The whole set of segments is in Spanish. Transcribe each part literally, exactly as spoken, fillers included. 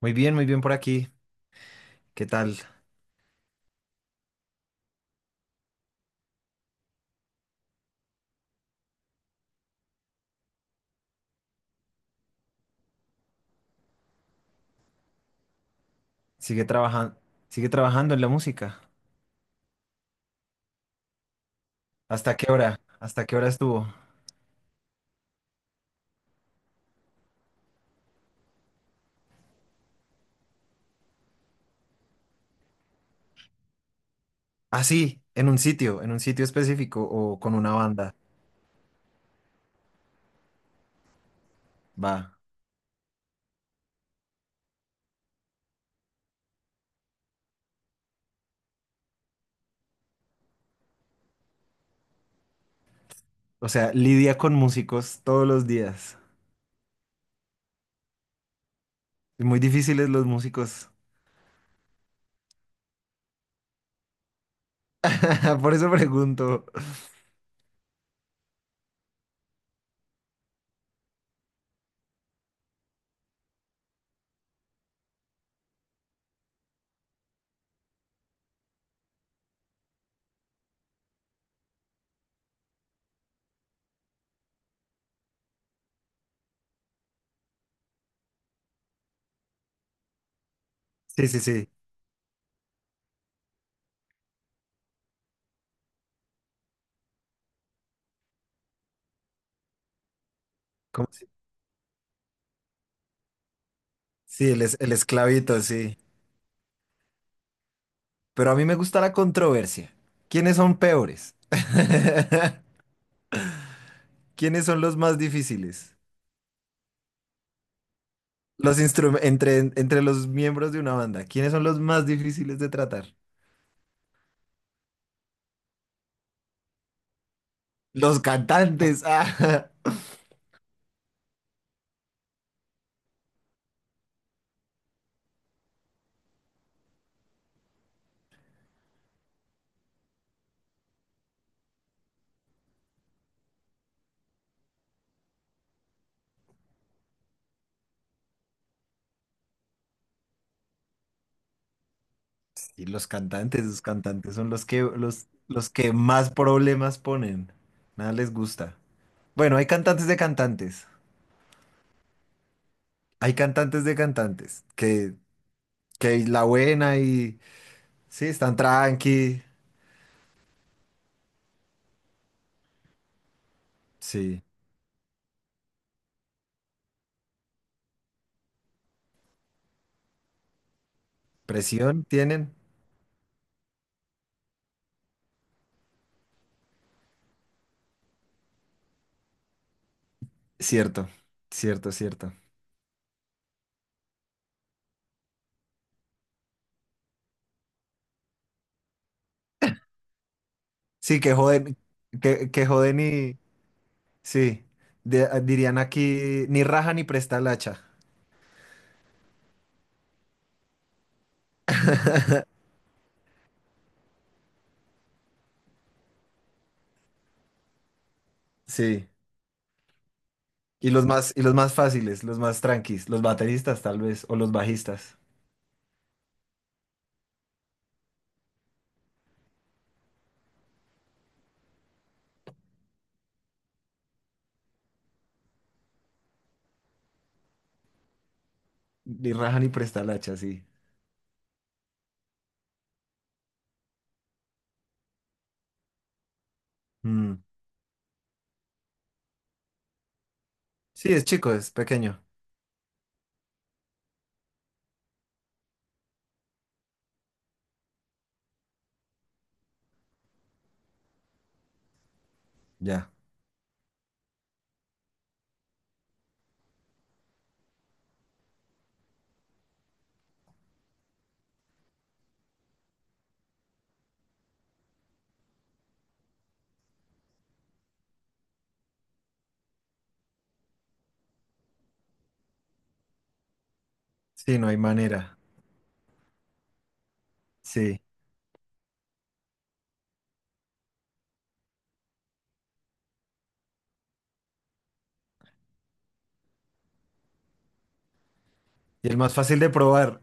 Muy bien, muy bien por aquí. ¿Qué tal? Sigue trabajando, sigue trabajando en la música. ¿Hasta qué hora? ¿Hasta qué hora estuvo? Ah, sí, en un sitio, en un sitio específico o con una banda. Va. O sea, lidia con músicos todos los días. Y Muy difíciles los músicos. Por eso pregunto. Sí, sí, sí. ¿Cómo se- Sí, el, es- el esclavito, sí. Pero a mí me gusta la controversia. ¿Quiénes son peores? ¿Quiénes son los más difíciles? Los instrum- entre, entre los miembros de una banda, ¿quiénes son los más difíciles de tratar? Los cantantes. Ah, sí, los cantantes, los cantantes son los que, los, los que más problemas ponen. Nada les gusta. Bueno, hay cantantes de cantantes. Hay cantantes de cantantes que, que la buena y sí, están tranqui. Sí, presión tienen. Cierto, cierto, cierto. Sí, que joden, que, que joden. Sí, de- ah, dirían aquí ni raja ni presta el hacha. Sí. Y los más, y los más fáciles, los más tranquis, los bateristas tal vez, o los bajistas. Ni raja ni presta el hacha, sí. Mm. Sí, es chico, es pequeño. Ya. Sí, no hay manera. Sí. Y el más fácil de probar.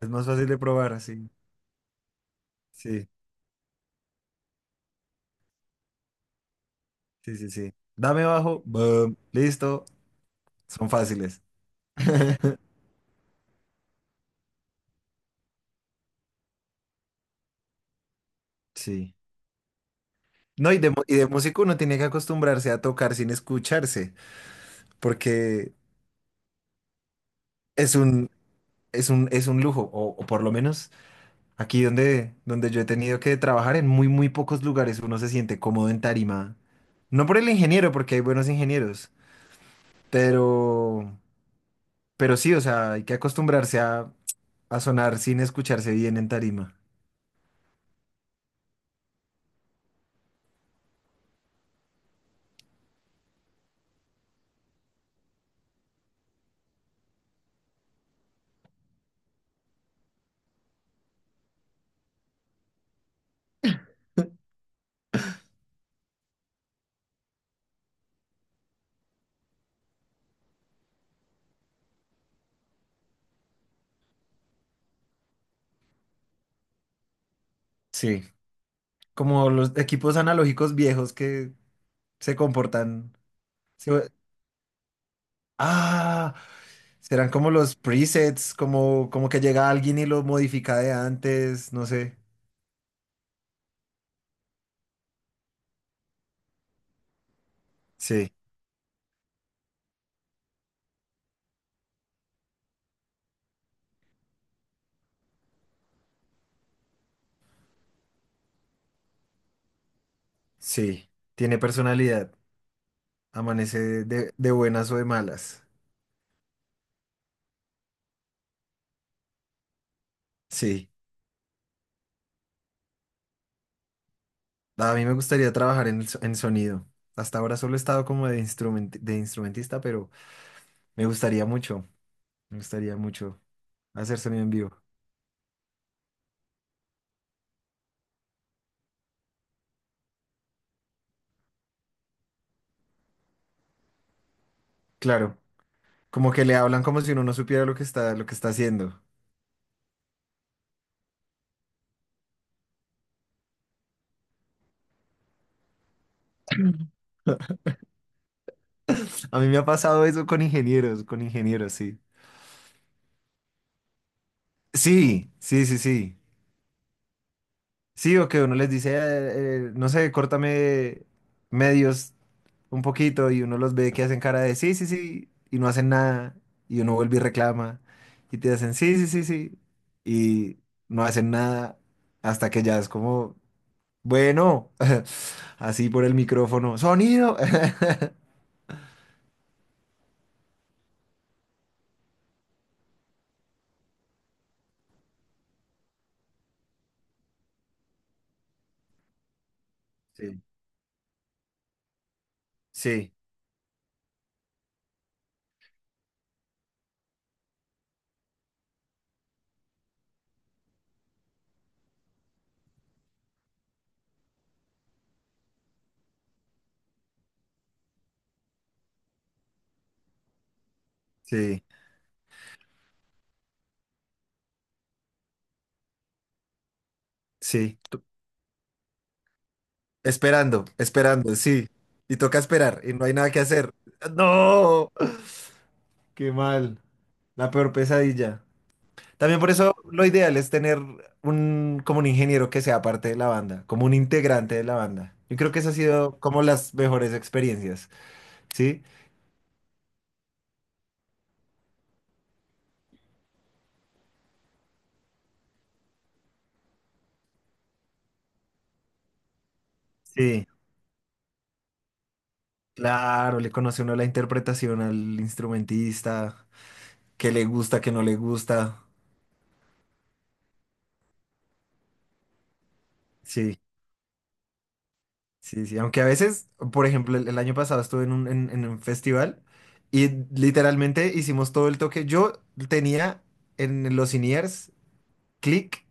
Es más fácil de probar, sí. Sí, sí, sí, sí. Dame bajo, boom, listo. Son fáciles. Sí. No, y de, mu- y de músico uno tiene que acostumbrarse a tocar sin escucharse, porque es un, es un, es un lujo, o, o por lo menos aquí donde, donde yo he tenido que trabajar, en muy, muy pocos lugares uno se siente cómodo en tarima. No por el ingeniero, porque hay buenos ingenieros, pero, pero sí, o sea, hay que acostumbrarse a, a sonar sin escucharse bien en tarima. Sí, como los equipos analógicos viejos que se comportan. se- ah, Serán como los presets, como, como que llega alguien y lo modifica de antes, no sé. Sí. Sí, tiene personalidad. Amanece de, de buenas o de malas. Sí, a mí me gustaría trabajar en, el so- en sonido. Hasta ahora solo he estado como de, instrument- de instrumentista, pero me gustaría mucho, me gustaría mucho hacer sonido en vivo. Claro, como que le hablan como si uno no supiera lo que está, lo que está haciendo. A mí me ha pasado eso con ingenieros, con ingenieros, sí. Sí, sí, sí, sí. Sí, o que uno les dice, eh, eh, no sé, córtame medios un poquito, y uno los ve que hacen cara de sí, sí, sí, y no hacen nada, y uno vuelve y reclama, y te hacen sí, sí, sí, sí, y no hacen nada hasta que ya es como, bueno, así por el micrófono, sonido. Sí, sí, sí, sí, Tú- esperando, esperando, sí, y toca esperar, y no hay nada que hacer. No, qué mal. La peor pesadilla. También por eso lo ideal es tener un, como un ingeniero que sea parte de la banda, como un integrante de la banda. Yo creo que esa ha sido como las mejores experiencias, ¿sí? Sí, claro, le conoce uno la interpretación al instrumentista, qué le gusta, qué no le gusta. Sí, sí, sí. Aunque a veces, por ejemplo, el, el año pasado estuve en un, en en un festival, y literalmente hicimos todo el toque. Yo tenía en los in-ears click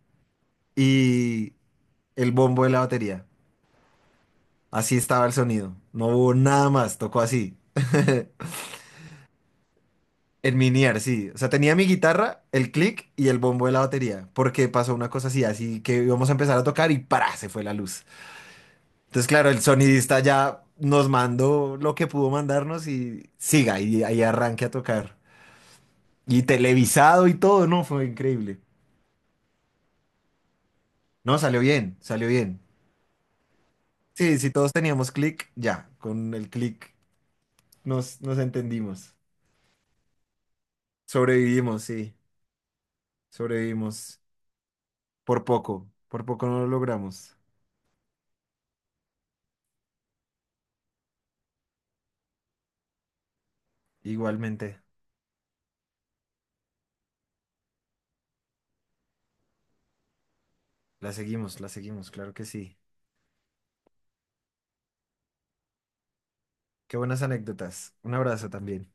y el bombo de la batería. Así estaba el sonido. No hubo nada más, tocó así. En miniar, sí. O sea, tenía mi guitarra, el click y el bombo de la batería. Porque pasó una cosa así, así que íbamos a empezar a tocar y, ¡para!, se fue la luz. Entonces, claro, el sonidista ya nos mandó lo que pudo mandarnos y siga, y ahí arranque a tocar. Y televisado y todo, no, fue increíble. No, salió bien, salió bien. Sí, si todos teníamos click, ya, con el click nos, nos entendimos. Sobrevivimos, sí, sobrevivimos. Por poco, por poco no lo logramos. Igualmente, la seguimos, la seguimos, claro que sí. Qué buenas anécdotas. Un abrazo también.